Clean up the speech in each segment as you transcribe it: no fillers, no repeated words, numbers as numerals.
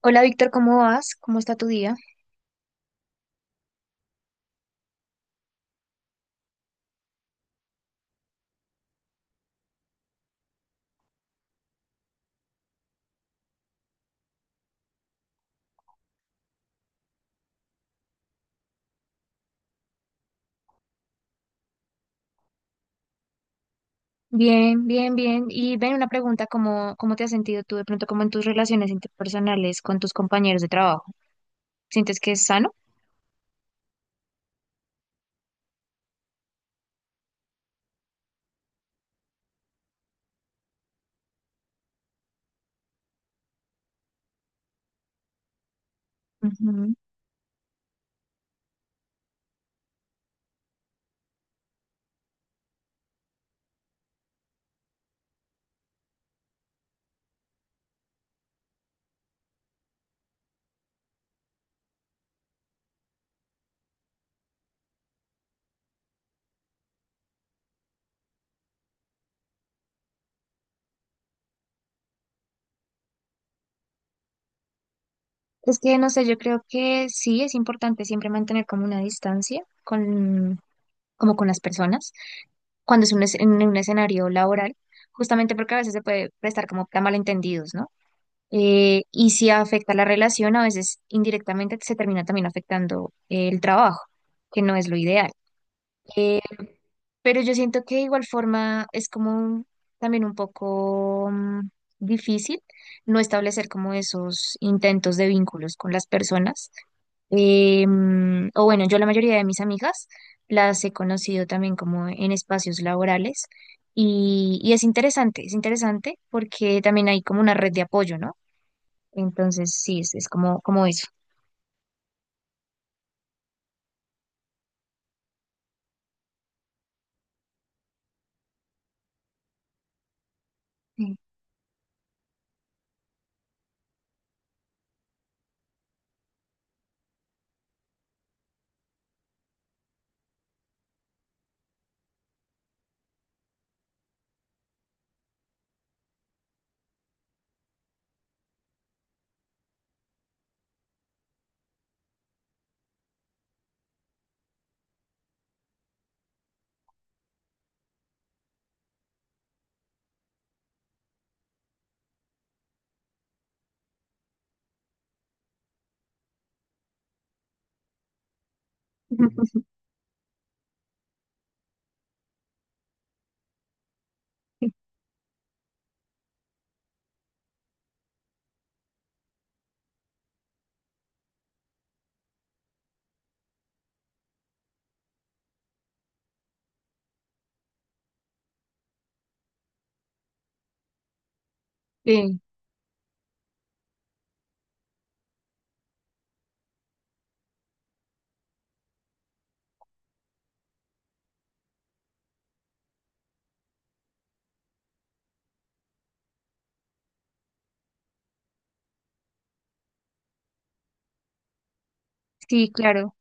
Hola Víctor, ¿cómo vas? ¿Cómo está tu día? Bien, bien, bien. Y ven una pregunta, ¿cómo te has sentido tú de pronto como en tus relaciones interpersonales con tus compañeros de trabajo? ¿Sientes que es sano? Ujú. Es que no sé, yo creo que sí es importante siempre mantener como una distancia con, como con las personas cuando en un escenario laboral, justamente porque a veces se puede prestar como para malentendidos, ¿no? Y si afecta la relación, a veces indirectamente se termina también afectando el trabajo, que no es lo ideal. Eh, pero yo siento que de igual forma también un poco difícil no establecer como esos intentos de vínculos con las personas. O bueno, yo la mayoría de mis amigas las he conocido también como en espacios laborales y es interesante porque también hay como una red de apoyo, ¿no? Entonces, sí, es como, como eso. Sí. Sí. Sí, claro.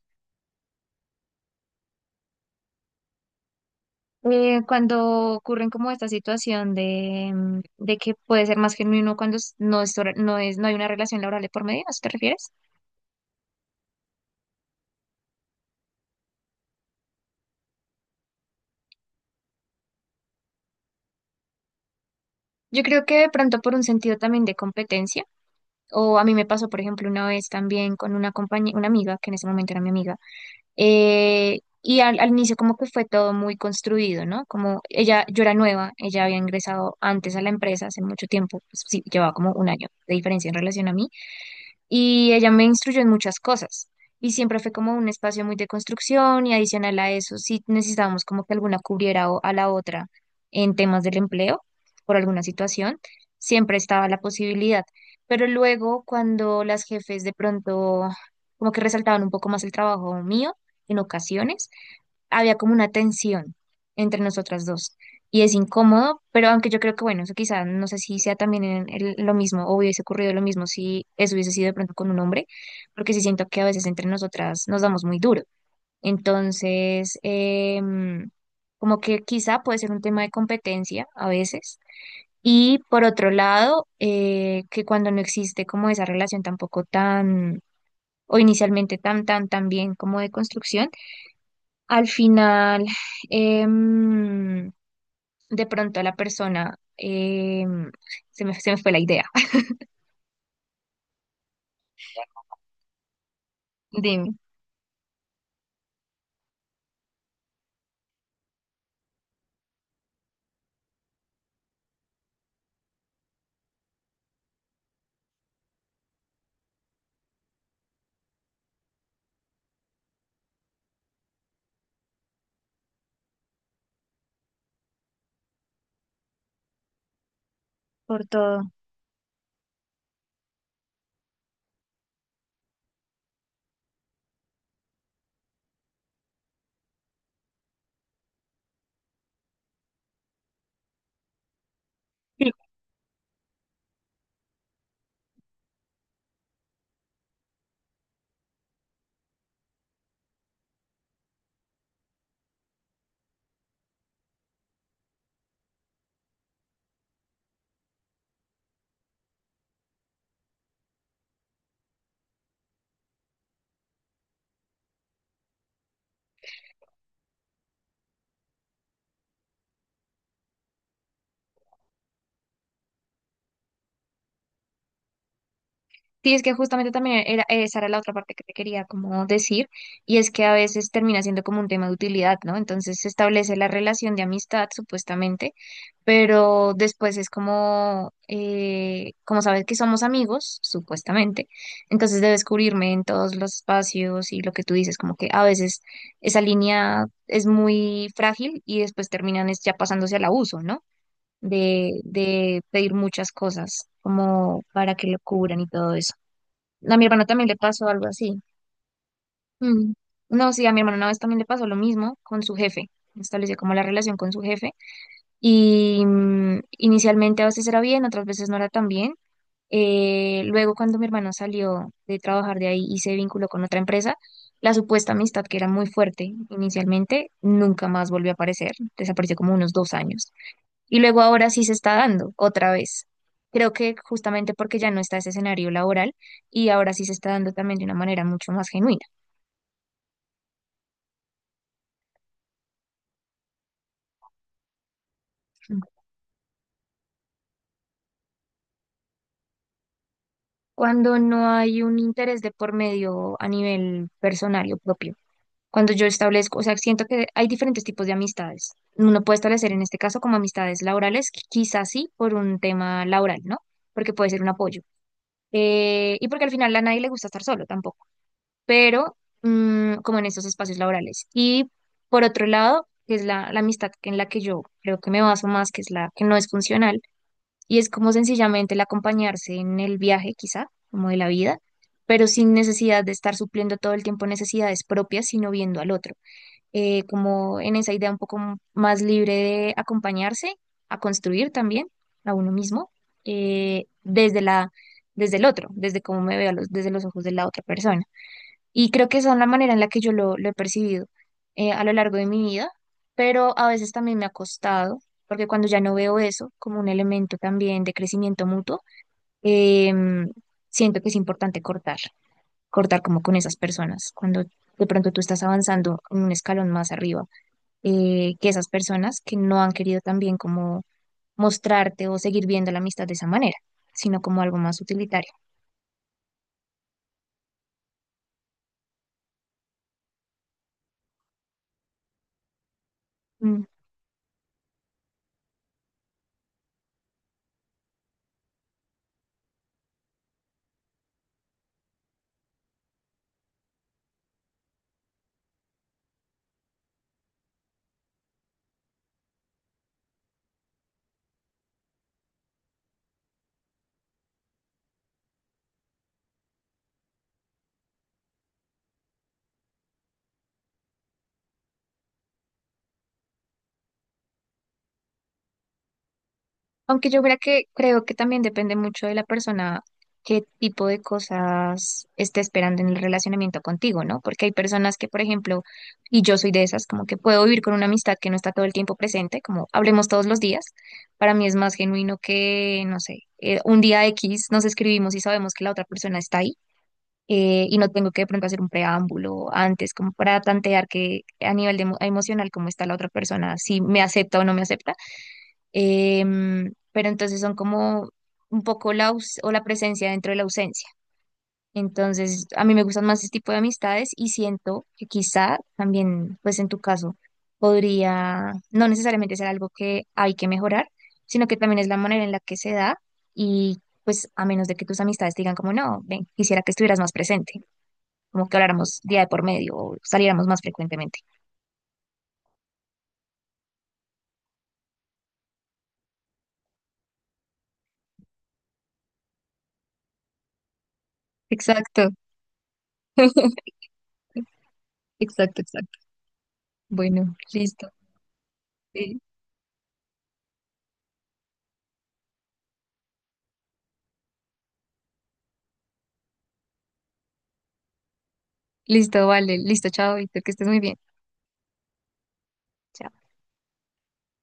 Cuando ocurren como esta situación de, de que puede ser más genuino cuando no es, no hay una relación laboral de por medio, ¿a eso te refieres? Yo creo que de pronto por un sentido también de competencia, o a mí me pasó, por ejemplo, una vez también con una compañía, una amiga, que en ese momento era mi amiga. Y al inicio como que fue todo muy construido, ¿no? Como ella, yo era nueva, ella había ingresado antes a la empresa hace mucho tiempo, pues sí, llevaba como un año de diferencia en relación a mí y ella me instruyó en muchas cosas y siempre fue como un espacio muy de construcción y adicional a eso, si necesitábamos como que alguna cubriera a la otra en temas del empleo por alguna situación, siempre estaba la posibilidad. Pero luego cuando las jefes de pronto como que resaltaban un poco más el trabajo mío en ocasiones, había como una tensión entre nosotras dos y es incómodo, pero aunque yo creo que, bueno, eso quizá no sé si sea también lo mismo o hubiese ocurrido lo mismo si eso hubiese sido de pronto con un hombre, porque sí siento que a veces entre nosotras nos damos muy duro. Entonces, como que quizá puede ser un tema de competencia a veces. Y por otro lado, que cuando no existe como esa relación tampoco tan, o inicialmente tan bien como de construcción, al final, em, de pronto la persona, se me fue la idea. Dime. Por todo. Sí, sí, es que justamente también era, esa era la otra parte que te quería como decir, y es que a veces termina siendo como un tema de utilidad, ¿no? Entonces se establece la relación de amistad, supuestamente, pero después es como, como sabes que somos amigos, supuestamente, entonces debes cubrirme en todos los espacios y lo que tú dices, como que a veces esa línea es muy frágil y después terminan es ya pasándose al abuso, ¿no? De pedir muchas cosas como para que lo cubran y todo eso. A mi hermano también le pasó algo así. Mm. No, sí, a mi hermano una vez también le pasó lo mismo con su jefe. Estableció como la relación con su jefe y inicialmente a veces era bien, otras veces no era tan bien. Luego cuando mi hermano salió de trabajar de ahí y se vinculó con otra empresa, la supuesta amistad que era muy fuerte inicialmente nunca más volvió a aparecer, desapareció como unos dos años. Y luego ahora sí se está dando otra vez. Creo que justamente porque ya no está ese escenario laboral y ahora sí se está dando también de una manera mucho más genuina. Cuando no hay un interés de por medio a nivel personal o propio. Cuando yo establezco, o sea, siento que hay diferentes tipos de amistades. Uno puede establecer en este caso como amistades laborales, quizás sí por un tema laboral, ¿no? Porque puede ser un apoyo. Y porque al final a nadie le gusta estar solo tampoco, pero como en estos espacios laborales. Y por otro lado, que es la amistad en la que yo creo que me baso más, que es la que no es funcional, y es como sencillamente el acompañarse en el viaje, quizá, como de la vida, pero sin necesidad de estar supliendo todo el tiempo necesidades propias, sino viendo al otro como en esa idea un poco más libre de acompañarse, a construir también a uno mismo, desde la, desde el otro, desde cómo me veo, desde los ojos de la otra persona. Y creo que esa es la manera en la que yo lo he percibido a lo largo de mi vida, pero a veces también me ha costado, porque cuando ya no veo eso como un elemento también de crecimiento mutuo, em, siento que es importante cortar, cortar como con esas personas, cuando de pronto tú estás avanzando en un escalón más arriba que esas personas que no han querido también como mostrarte o seguir viendo la amistad de esa manera, sino como algo más utilitario. Mm. Aunque yo creo que también depende mucho de la persona qué tipo de cosas esté esperando en el relacionamiento contigo, ¿no? Porque hay personas que, por ejemplo, y yo soy de esas, como que puedo vivir con una amistad que no está todo el tiempo presente, como hablemos todos los días. Para mí es más genuino que, no sé, un día X nos escribimos y sabemos que la otra persona está ahí y no tengo que de pronto hacer un preámbulo antes como para tantear que a nivel de emocional cómo está la otra persona, si me acepta o no me acepta. Pero entonces son como un poco la, o la presencia dentro de la ausencia. Entonces, a mí me gustan más este tipo de amistades y siento que quizá también, pues en tu caso, podría no necesariamente ser algo que hay que mejorar, sino que también es la manera en la que se da y pues a menos de que tus amistades te digan como no, ven, quisiera que estuvieras más presente como que habláramos día de por medio o saliéramos más frecuentemente. Exacto. Exacto, exacto. Bueno, listo. Sí, listo, vale. Listo, chao, Víctor, que estés muy bien. Chao.